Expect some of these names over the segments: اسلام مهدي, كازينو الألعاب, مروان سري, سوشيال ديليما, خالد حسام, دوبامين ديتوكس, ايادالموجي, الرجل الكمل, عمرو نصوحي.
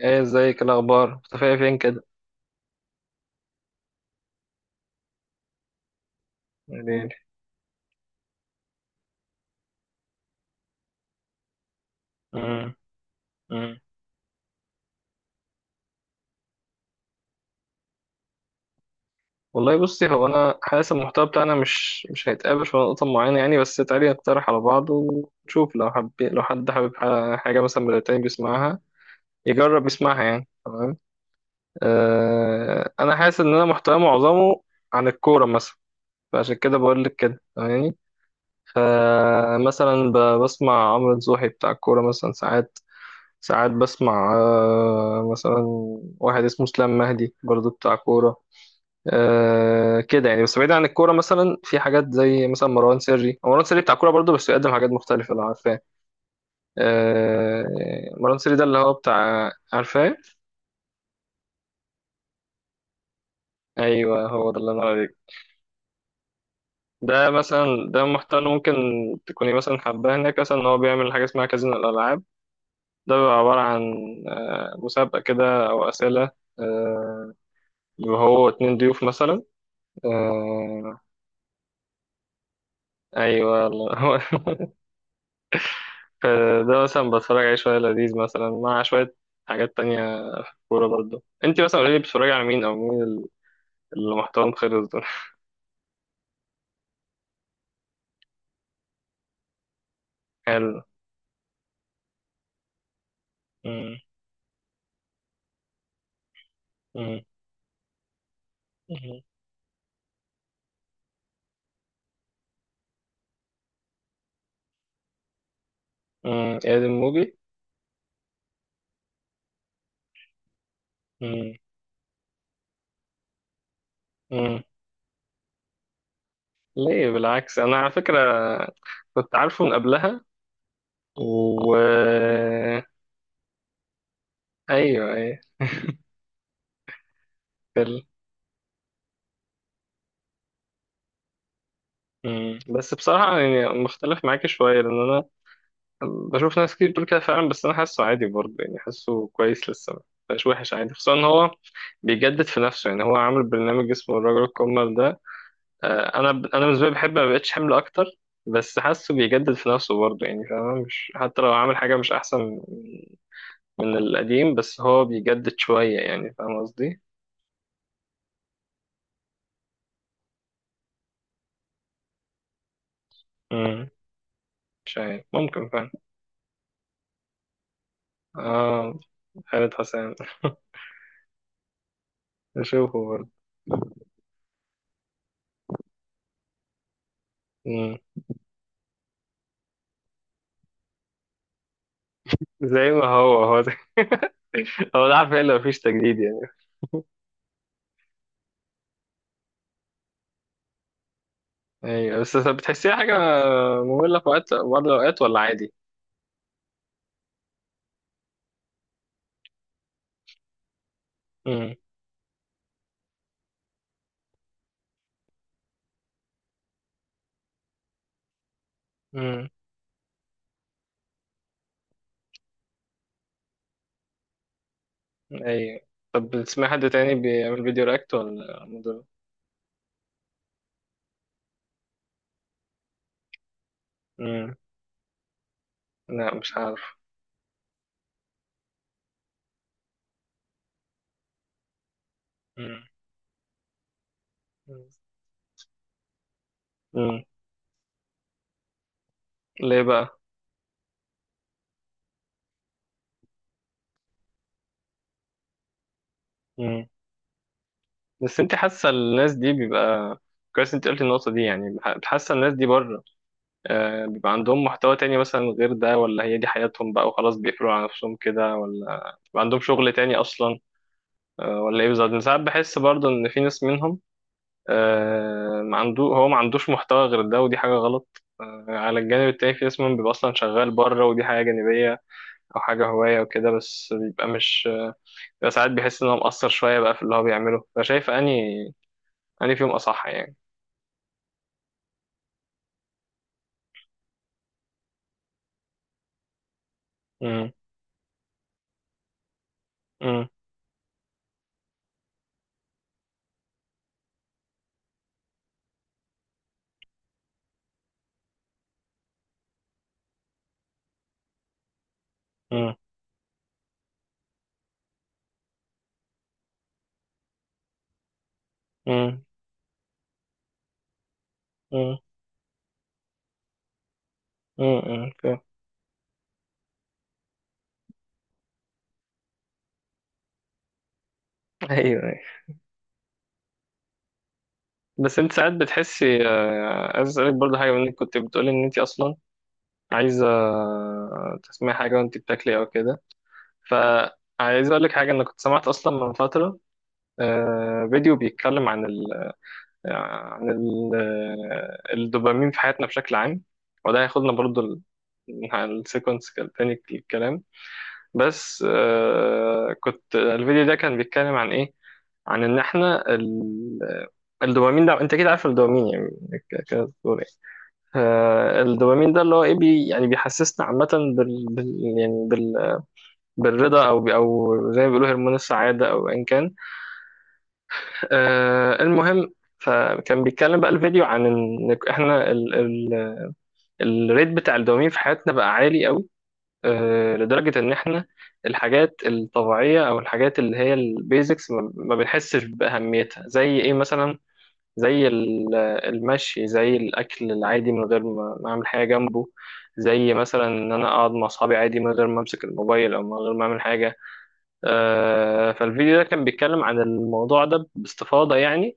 ايه، ازيك؟ الاخبار؟ مختفيه فين كده؟ ليه؟ امم. امم. والله بصي، هو انا حاسس المحتوى بتاعنا مش هيتقابل في نقطه معينه يعني، بس تعالي نقترح على بعض ونشوف، لو حب لو حد حابب حاجه مثلا من التاني بيسمعها، يجرب يسمعها يعني. تمام. آه، انا حاسس ان انا محتوى معظمه عن الكوره مثلا. فعشان كده بقول لك كده، فاهماني؟ فمثلا بسمع عمرو نصوحي بتاع الكوره مثلا. ساعات بسمع مثلا واحد اسمه اسلام مهدي برضو بتاع كورة. آه، كده يعني، بس بعيد عن الكورة مثلا، في حاجات زي مثلا مروان سري. هو مروان سري بتاع كورة برضو، بس بيقدم حاجات مختلفة، لو عارفاه. آه. مروان سري ده اللي هو بتاع، عارفاه؟ أيوه، هو ده اللي أنا عليك. ده مثلا، ده محتوى ممكن تكوني مثلا حباه هناك، مثلا إن هو بيعمل حاجة اسمها كازينو الألعاب. ده بيبقى عبارة عن، آه، مسابقة كده أو أسئلة. آه. وهو اتنين ضيوف مثلا. آه. ايوه والله هو ده مثلا بتفرج عليه شويه، لذيذ مثلا مع شويه حاجات تانية. كوره برضه، انت مثلا قولي لي، بتتفرجي على مين او مين اللي محتوى خلص دول؟ حلو. امم. امم. امم. امم. اياد الموجي. امم. امم. ليه؟ بالعكس، انا على فكره كنت عارفه من قبلها و... ايوه ايوه. حلو. بس بصراحه يعني مختلف معاكي شويه، لان انا بشوف ناس كتير بتقول كده فعلا، بس انا حاسه عادي برضه، يعني حاسه كويس لسه، مش وحش، عادي، خصوصا ان هو بيجدد في نفسه. يعني هو عامل برنامج اسمه الرجل الكمل ده. آه، انا بالنسبه لي بحب ما بقتش حمل اكتر. بس حاسه بيجدد في نفسه برضه، يعني فاهم؟ مش، حتى لو عامل حاجه مش احسن من القديم، بس هو بيجدد شويه، يعني فاهم قصدي؟ امم. مش عارف، ممكن فعلا. اه. خالد حسام. نشوفه برضه. امم. زي ما هو، هو هو ده عارف ايه اللي مفيش تجديد يعني. ايوه، بس بتحسيها حاجة مملة في وقت، بعض الأوقات، ولا عادي؟ امم. امم. ايوه. طب بتسمع حد تاني بيعمل فيديو رياكت، ولا مدر؟ امم. لا، مش عارف. امم. امم. ليه بقى؟ امم. بس انت حاسة الناس دي بيبقى، كويس انت قلت النقطة دي يعني، حاسة الناس دي بره، آه، بيبقى عندهم محتوى تاني مثلا غير ده، ولا هي دي حياتهم بقى وخلاص بيقفلوا على نفسهم كده، ولا بيبقى عندهم شغل تاني أصلا، آه، ولا ايه بالظبط؟ أنا ساعات بحس برضه إن في ناس منهم، آه، ما عنده، هو ما عندوش محتوى غير ده، ودي حاجة غلط. آه، على الجانب التاني في ناس منهم بيبقى أصلا شغال بره، ودي حاجة جانبية أو حاجة هواية وكده، بس بيبقى مش، بيبقى ساعات بيحس إن هو مقصر شوية بقى في اللي هو بيعمله، فشايف أني فيهم أصح يعني. مم. مم. مم. مم. مم. مم. مم، فاهم. أيوه أيوه. بس أنت ساعات بتحسي، آه، عايز أسألك برضه حاجة منك. كنت بتقولي إن أنت أصلا عايزة تسمعي حاجة وأنت بتاكلي أو كده. ف عايز اقول لك حاجه، انا كنت سمعت اصلا من فتره، آه، فيديو بيتكلم عن ال، آه، الدوبامين في حياتنا بشكل عام. وده هياخدنا برضو عن السيكونس تاني الكلام. بس آه، كنت الفيديو ده كان بيتكلم عن ايه؟ عن ان احنا الدوبامين ده، انت كده عارف الدوبامين يعني؟ كده بتقول ايه؟ آه، الدوبامين ده اللي هو ايه، يعني بيحسسنا عامة، يعني، بالرضا، او او زي ما بيقولوا هرمون السعادة، او ان كان، آه، المهم. فكان بيتكلم بقى الفيديو عن ان احنا ال ال الريت بتاع الدوبامين في حياتنا بقى عالي قوي، آه، لدرجة ان احنا الحاجات الطبيعية، او الحاجات اللي هي البيزكس، ما بنحسش بأهميتها، زي ايه مثلا؟ زي المشي، زي الاكل العادي من غير ما اعمل حاجة جنبه، زي مثلا ان انا اقعد مع اصحابي عادي من غير ما امسك الموبايل او من غير ما اعمل حاجة. آه، فالفيديو ده كان بيتكلم عن الموضوع ده باستفاضة يعني.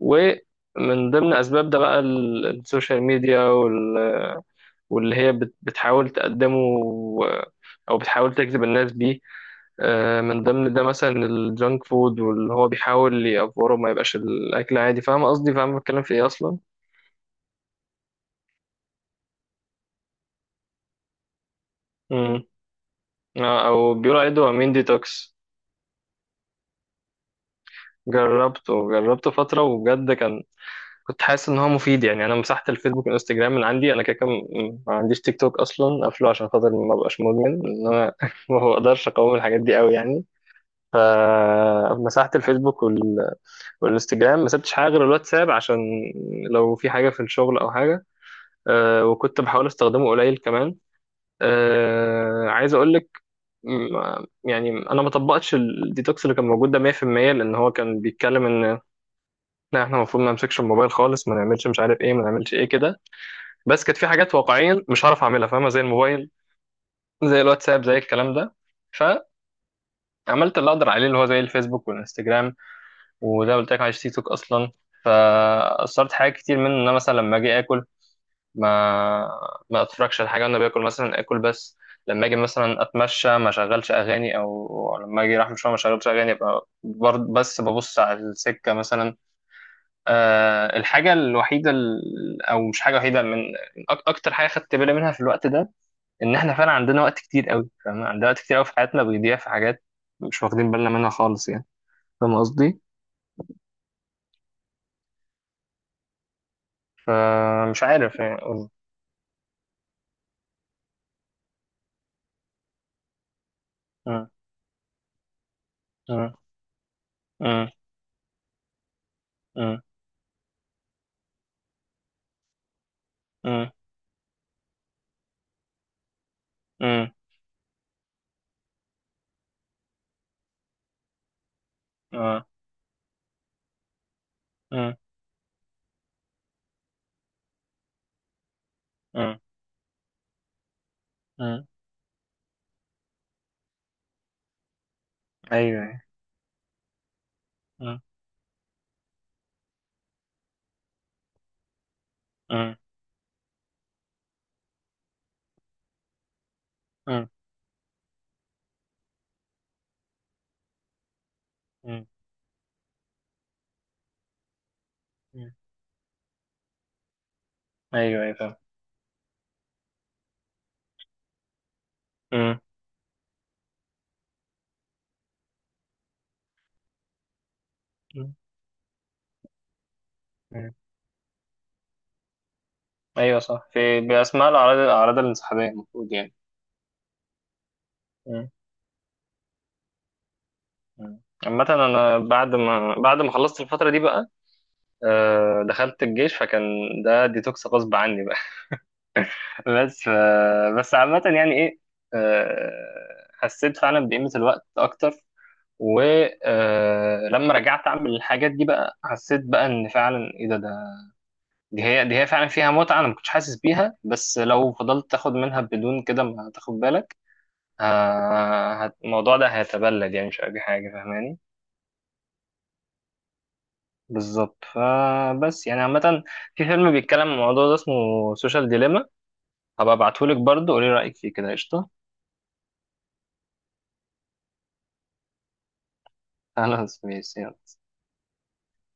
ومن ضمن أسباب ده بقى السوشيال ميديا واللي هي بتحاول تقدمه أو بتحاول تجذب الناس بيه. آه، من ضمن ده مثلا الجانك فود، واللي هو بيحاول يأفوره ما يبقاش الأكل عادي، فاهم قصدي؟ فاهم بتكلم في إيه أصلا؟ مم. آه، أو بيقولوا عليه دوبامين ديتوكس. جربته فترة وبجد كان، كنت حاسس ان هو مفيد يعني. انا مسحت الفيسبوك والانستجرام من عندي، انا كده كده ما عنديش تيك توك اصلا، قافله عشان خاطر ما ابقاش مدمن، ان انا ما بقدرش اقاوم الحاجات دي قوي يعني. فمسحت الفيسبوك والانستجرام، ما سبتش حاجه غير الواتساب عشان لو في حاجه في الشغل او حاجه. أه، وكنت بحاول استخدمه قليل كمان. أه، عايز اقول لك، يعني انا ما طبقتش الديتوكس اللي كان موجود ده 100%، لان هو كان بيتكلم ان لا، احنا المفروض ما نمسكش الموبايل خالص، ما نعملش مش عارف ايه، ما نعملش ايه كده. بس كانت في حاجات واقعيا مش هعرف اعملها، فاهمه؟ زي الموبايل، زي الواتساب، زي الكلام ده. فعملت اللي اقدر عليه، اللي هو زي الفيسبوك والانستجرام، وده قلت لك على تيك توك اصلا. فاثرت حاجات كتير منه، ان انا مثلا لما اجي اكل، ما ما اتفرجش على حاجه وانا باكل، مثلا اكل بس. لما اجي مثلا اتمشى ما اشغلش اغاني، او لما اجي رايح مشوار ما اشغلش اغاني، ابقى برضه بس ببص على السكه مثلا. أه، الحاجه الوحيده او مش حاجه وحيده، من اكتر حاجه خدت بالي منها في الوقت ده، ان احنا فعلا عندنا وقت كتير قوي، فاهم؟ عندنا وقت كتير قوي في حياتنا بيضيع في حاجات مش واخدين بالنا منها خالص يعني، فاهم قصدي؟ فمش عارف يعني أقول. مم. مم. مم. مم. مم. مم. آه. مم. مم. مم. ايوه أيوة. مم. مم. مم. مم. مم. ايوه ايوه فاهم. مم. مم. مم. ايوه صح، في باسماء الاعراض، الانسحابيه المفروض يعني. مم. مم. عامة أنا بعد ما خلصت الفترة دي بقى، آه، دخلت الجيش، فكان ده ديتوكس غصب عني بقى. بس ف- بس عامة، يعني ايه، آه، حسيت فعلا بقيمة الوقت اكتر. ولما رجعت اعمل الحاجات دي بقى حسيت بقى ان فعلا ايه ده، ده، دي هي فعلا فيها متعة، انا ما كنتش حاسس بيها، بس لو فضلت تاخد منها بدون كده ما تاخد بالك، ه- الموضوع ده هيتبلد يعني، مش اي حاجة، فاهماني؟ بالظبط. فبس يعني عامة، في فيلم بيتكلم عن الموضوع ده اسمه سوشيال ديليما. هبقى ابعتهولك برضه قولي رأيك فيه كده. قشطة. خلاص ماشي.